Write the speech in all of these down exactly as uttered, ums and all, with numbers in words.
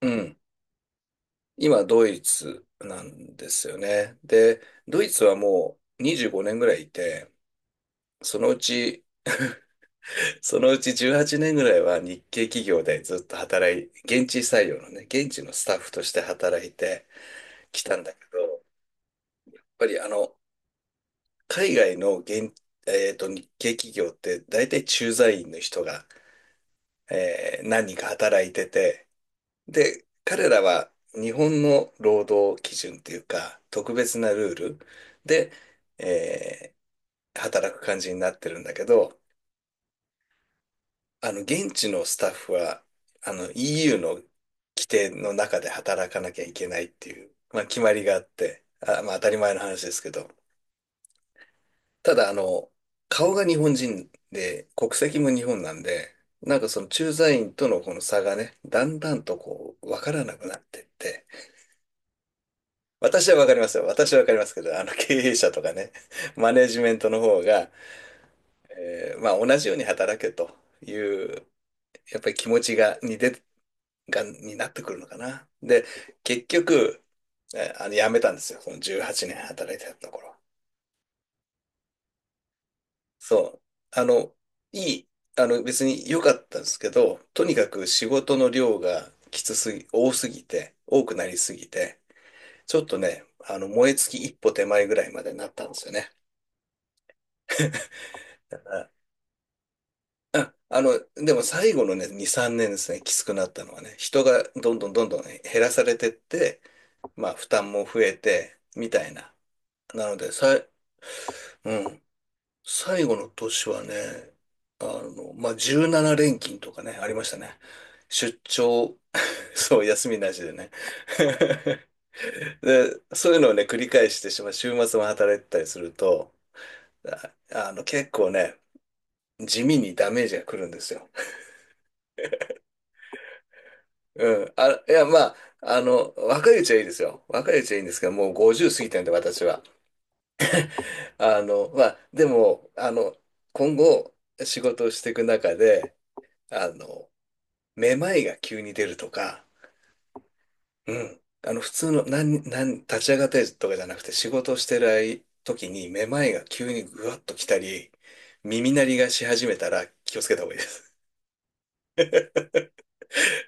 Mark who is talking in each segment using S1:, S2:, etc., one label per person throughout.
S1: うん。今、ドイツなんですよね。で、ドイツはもうにじゅうごねんぐらいいて、そのうち、そのうちじゅうはちねんぐらいは日系企業でずっと働い、現地採用のね、現地のスタッフとして働いてきたんだけど、やっぱりあの、海外の現、えーと、日系企業って大体駐在員の人が、えー何人か働いてて、で、彼らは日本の労働基準っていうか、特別なルールで、えー働く感じになってるんだけど、あの、現地のスタッフは、あの、イーユー の規定の中で働かなきゃいけないっていう、まあ、決まりがあって、あ、まあ、当たり前の話ですけど、ただ、あの、顔が日本人で、国籍も日本なんで、なんかその駐在員とのこの差がね、だんだんとこう、わからなくなってって、私はわかりますよ。私はわかりますけど、あの経営者とかね、マネジメントの方が、えーまあ同じように働けという、やっぱり気持ちが、にで、が、になってくるのかな。で、結局、えーあの、辞めたんですよ。そのじゅうはちねん働いてたところ。そう。あの、いい、あの、別に良かったんですけど、とにかく仕事の量がきつすぎ、多すぎて、多くなりすぎて、ちょっとね、あの、燃え尽き一歩手前ぐらいまでなったんですよね。あ、あの、でも最後のね、に、さんねんですね、きつくなったのはね、人がどんどんどんどんね減らされてって、まあ負担も増えて、みたいな。なので、さい、うん、最後の年はね、あの、まあじゅうなな連勤とかね、ありましたね。出張、そう、休みなしでね。で、そういうのをね、繰り返してしまう、週末も働いてたりすると、あ、あの、結構ね、地味にダメージが来るんですよ。うん。あ、いや、まあ、あの、若いうちはいいですよ。若いうちはいいんですけど、もうごじゅう過ぎてるんで、私は。あの、まあ、でも、あの、今後、仕事をしていく中で、あの、めまいが急に出るとか、うん。あの、普通の、なん、なん、立ち上がってとかじゃなくて、仕事をしてる時に、めまいが急にぐわっと来たり、耳鳴りがし始めたら、気をつけた方がいいです。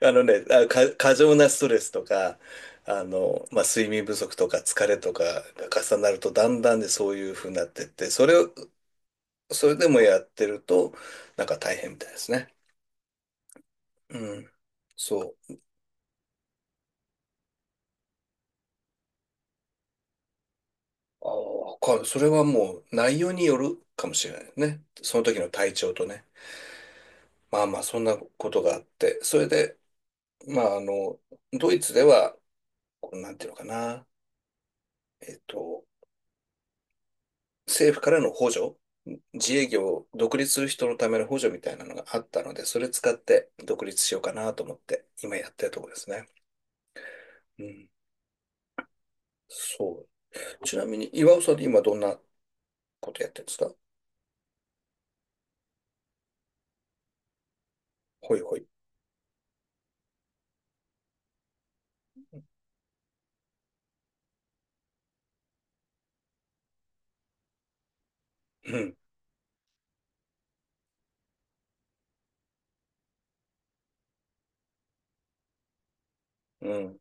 S1: あのね、あ、か、過剰なストレスとか、あの、まあ、睡眠不足とか疲れとかが重なると、だんだんでそういう風になってって、それを、それでもやってると、なんか大変みたいですね。うん。そう。ああ、かそれはもう内容によるかもしれないね。その時の体調とね。まあまあ、そんなことがあって、それで、まあ、あの、ドイツでは、こうなんていうのかな、えっと、政府からの補助自営業、独立する人のための補助みたいなのがあったので、それ使って独立しようかなと思って、今やってるところですね。うん。そう。ちなみに、岩尾さんって今どんなことやってるんですか？ほいほい。うん。うん。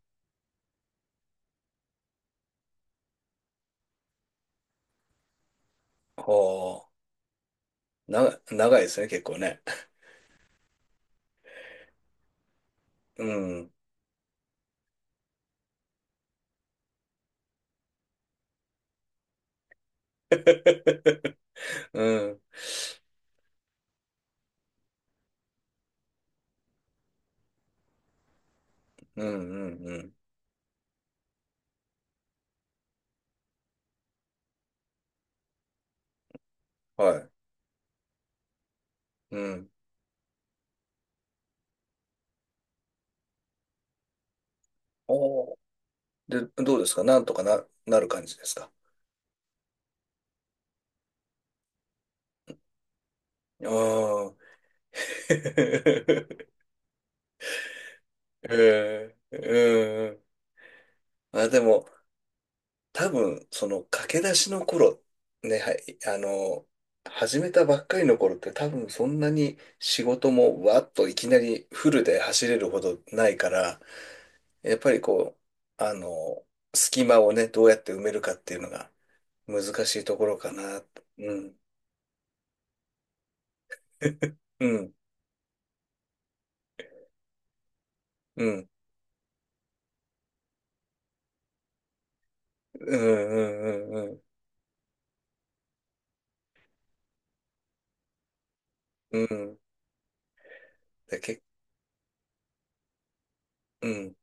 S1: はあ。な、長いですね、結構ね。うん。うん。うん、うん、うん。はい。うん。おー。で、どうですか？なんとかな、なる感じですか？ああー。へえ、うん。あ、でも、多分、その駆け出しの頃、ね、はい、あの、始めたばっかりの頃って多分そんなに仕事もわっといきなりフルで走れるほどないから、やっぱりこう、あの、隙間をね、どうやって埋めるかっていうのが難しいところかな。うん。うん、うん、うん、うん、うん、うん。で、け、うん。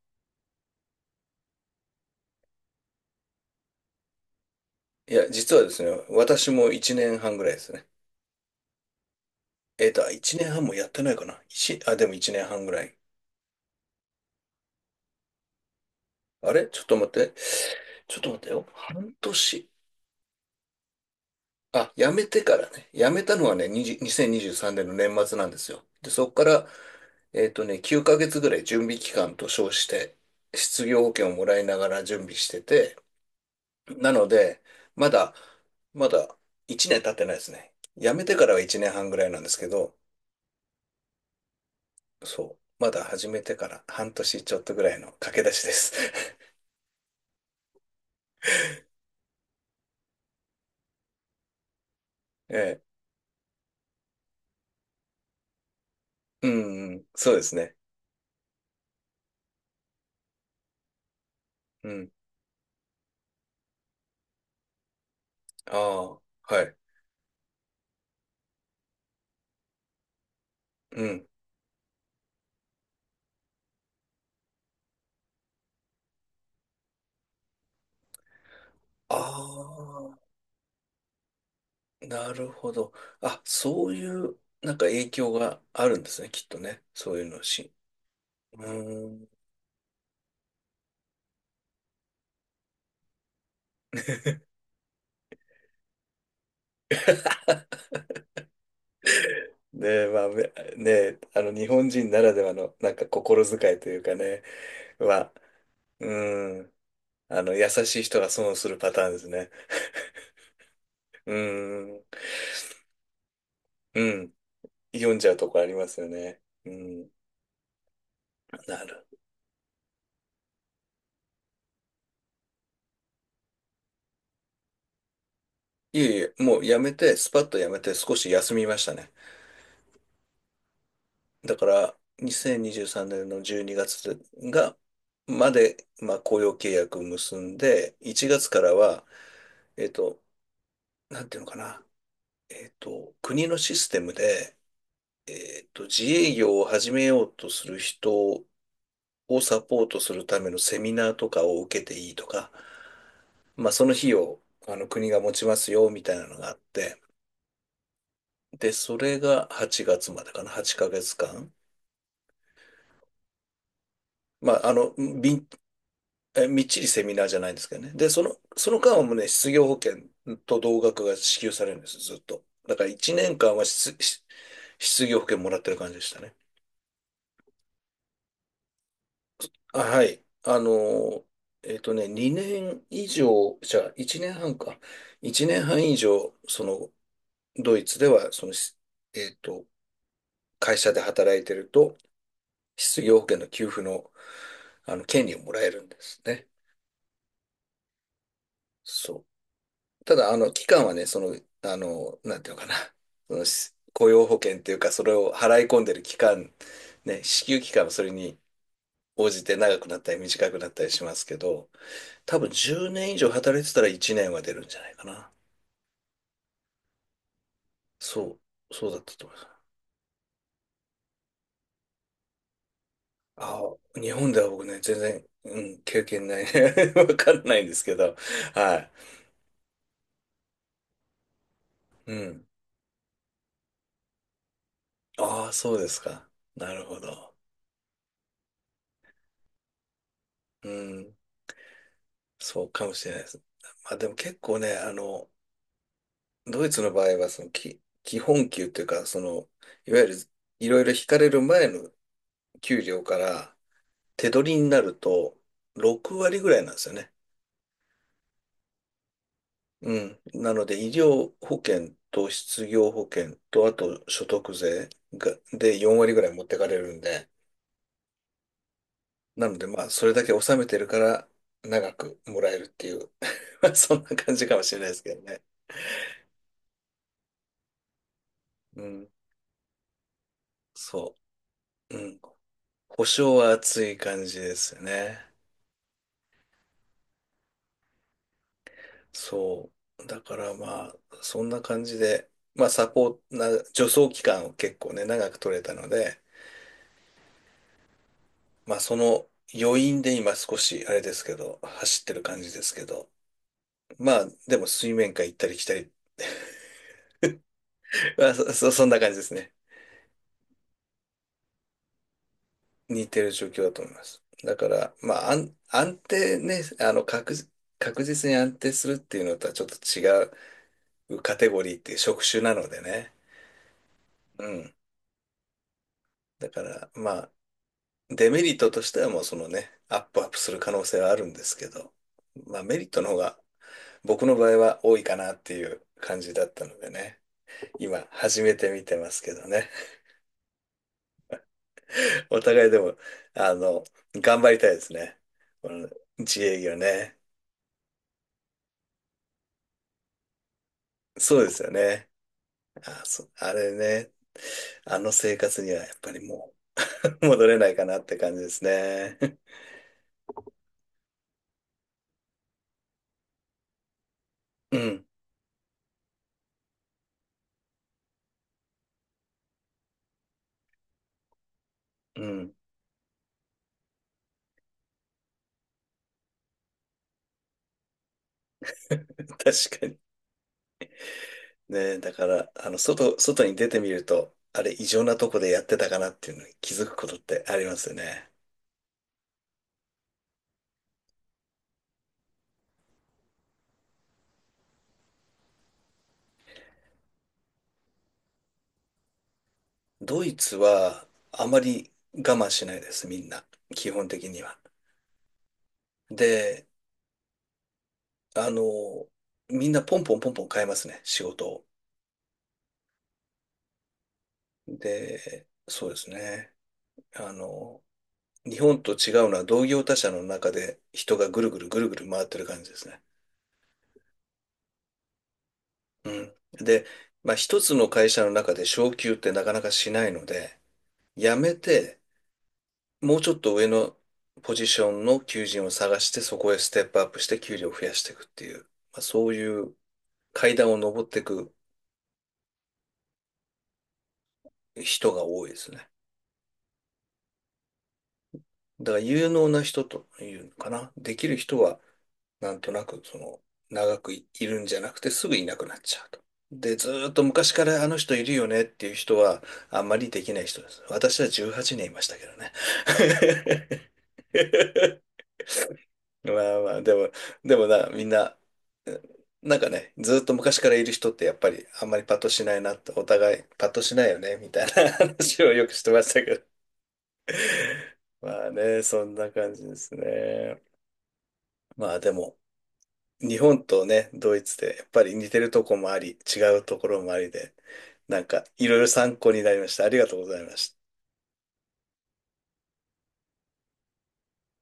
S1: いや、実はですね、私もいちねんはんぐらいですね。えっと、いちねんはんもやってないかな。一あ、でもいちねんはんぐらい。あれちょっと待って。ちょっと待ってよ。半年。あ、辞めてからね。辞めたのはね、20 にせんにじゅうさんねんの年末なんですよ。で、そこから、えっとね、きゅうかげつぐらい準備期間と称して、失業保険をもらいながら準備してて、なので、まだ、まだいちねん経ってないですね。辞めてからはいちねんはんぐらいなんですけど、そう。まだ始めてから半年ちょっとぐらいの駆け出しです。ええ。うん、うんそうですね。うん。ああ、はい。うん。ああ、なるほど。あ、そういう、なんか影響があるんですね、きっとね。そういうのし。うーん。で、まあ、めね、あの、日本人ならではの、なんか心遣いというかね、は、うーん、あの、優しい人が損をするパターンですね。うーん、うん、読んじゃうとこありますよね。うん、なる。いえいえ、もうやめて、スパッとやめて少し休みましたね。だから、にせんにじゅうさんねんのじゅうにがつがつが、まで、まあ、雇用契約を結んで、いちがつからは、えっと、なんていうのかな、えっと、国のシステムで、えっと、自営業を始めようとする人をサポートするためのセミナーとかを受けていいとか、まあ、その費用、あの、国が持ちますよ、みたいなのがあって、で、それがはちがつまでかな、はちかげつかん。まあ、あの、びえ、みっちりセミナーじゃないんですけどね。で、その、その間はもうね、失業保険と同額が支給されるんです、ずっと。だからいちねんかんは失、失失業保険もらってる感じでしたね。あ、はい。あの、えっとね、にねん以上、じゃあいちねんはんか。いちねんはん以上、その、ドイツでは、その、しえっと、会社で働いてると、失業保険の給付の、あの、権利をもらえるんですね。そう。ただ、あの、期間はね、その、あの、なんていうのかな、その、し雇用保険っていうか、それを払い込んでる期間、ね、支給期間はそれに応じて長くなったり短くなったりしますけど、多分じゅうねん以上働いてたらいちねんは出るんじゃないかな。そう、そうだったと思います。ああ、日本では僕ね、全然、うん、経験ないね。わかんないんですけど、はい。うん。ああ、そうですか。なるほど。うん、そうかもしれないです。まあでも結構ね、あの、ドイツの場合は、そのき、基本給というか、その、いわゆるいろいろ引かれる前の給料から手取りになるとろく割ぐらいなんですよね。うん。なので、医療保険と失業保険と、あと所得税が、でよん割ぐらい持ってかれるんで、なので、まあ、それだけ納めてるから長くもらえるっていう まあそんな感じかもしれないですけどね。うん。そう。うん。保証は厚い感じですよね。そう。だからまあ、そんな感じで、まあサポーな、助走期間を結構ね、長く取れたので、まあその余韻で今少し、あれですけど、走ってる感じですけど、まあでも水面下行ったり来たり、まあそ、そそんな感じですね。似てる状況だと思います。だから、まあ安、安定ね、あの、確実、確実に安定するっていうのとはちょっと違うカテゴリーっていう職種なのでね。うん。だから、まあ、デメリットとしてはもうそのね、アップアップする可能性はあるんですけど、まあメリットの方が僕の場合は多いかなっていう感じだったのでね、今始めてみてますけどね、お互いでも、あの、頑張りたいですね。この自営業ね。そうですよね。あ、そ、あれね、あの生活にはやっぱりもう 戻れないかなって感じですね。うん、うん、確かに。ねえ、だから、あの、外、外に出てみると、あれ、異常なとこでやってたかなっていうのに気づくことってありますよね。ドイツは、あまり我慢しないです、みんな。基本的には。で、あの、みんなポンポンポンポン変えますね、仕事を。で、そうですね。あの、日本と違うのは同業他社の中で人がぐるぐるぐるぐる回ってる感じですね。うん。で、まあ、一つの会社の中で昇給ってなかなかしないので、辞めて、もうちょっと上のポジションの求人を探して、そこへステップアップして給料を増やしていくっていう、まあ、そういう階段を登っていく人が多いですね。だから有能な人というのかな。できる人は、なんとなく、その、長くい、いるんじゃなくてすぐいなくなっちゃうと。で、ずーっと昔からあの人いるよねっていう人は、あんまりできない人です。私はじゅうはちねんいましたけどね。まあまあ、でも、でもな、みんな、えなんかね、ずっと昔からいる人ってやっぱりあんまりパッとしないなって、お互いパッとしないよね、みたいな 話をよくしてましたけど。まあね、そんな感じですね。まあでも、日本とね、ドイツでやっぱり似てるとこもあり、違うところもありで、なんかいろいろ参考になりました。ありがとうございました。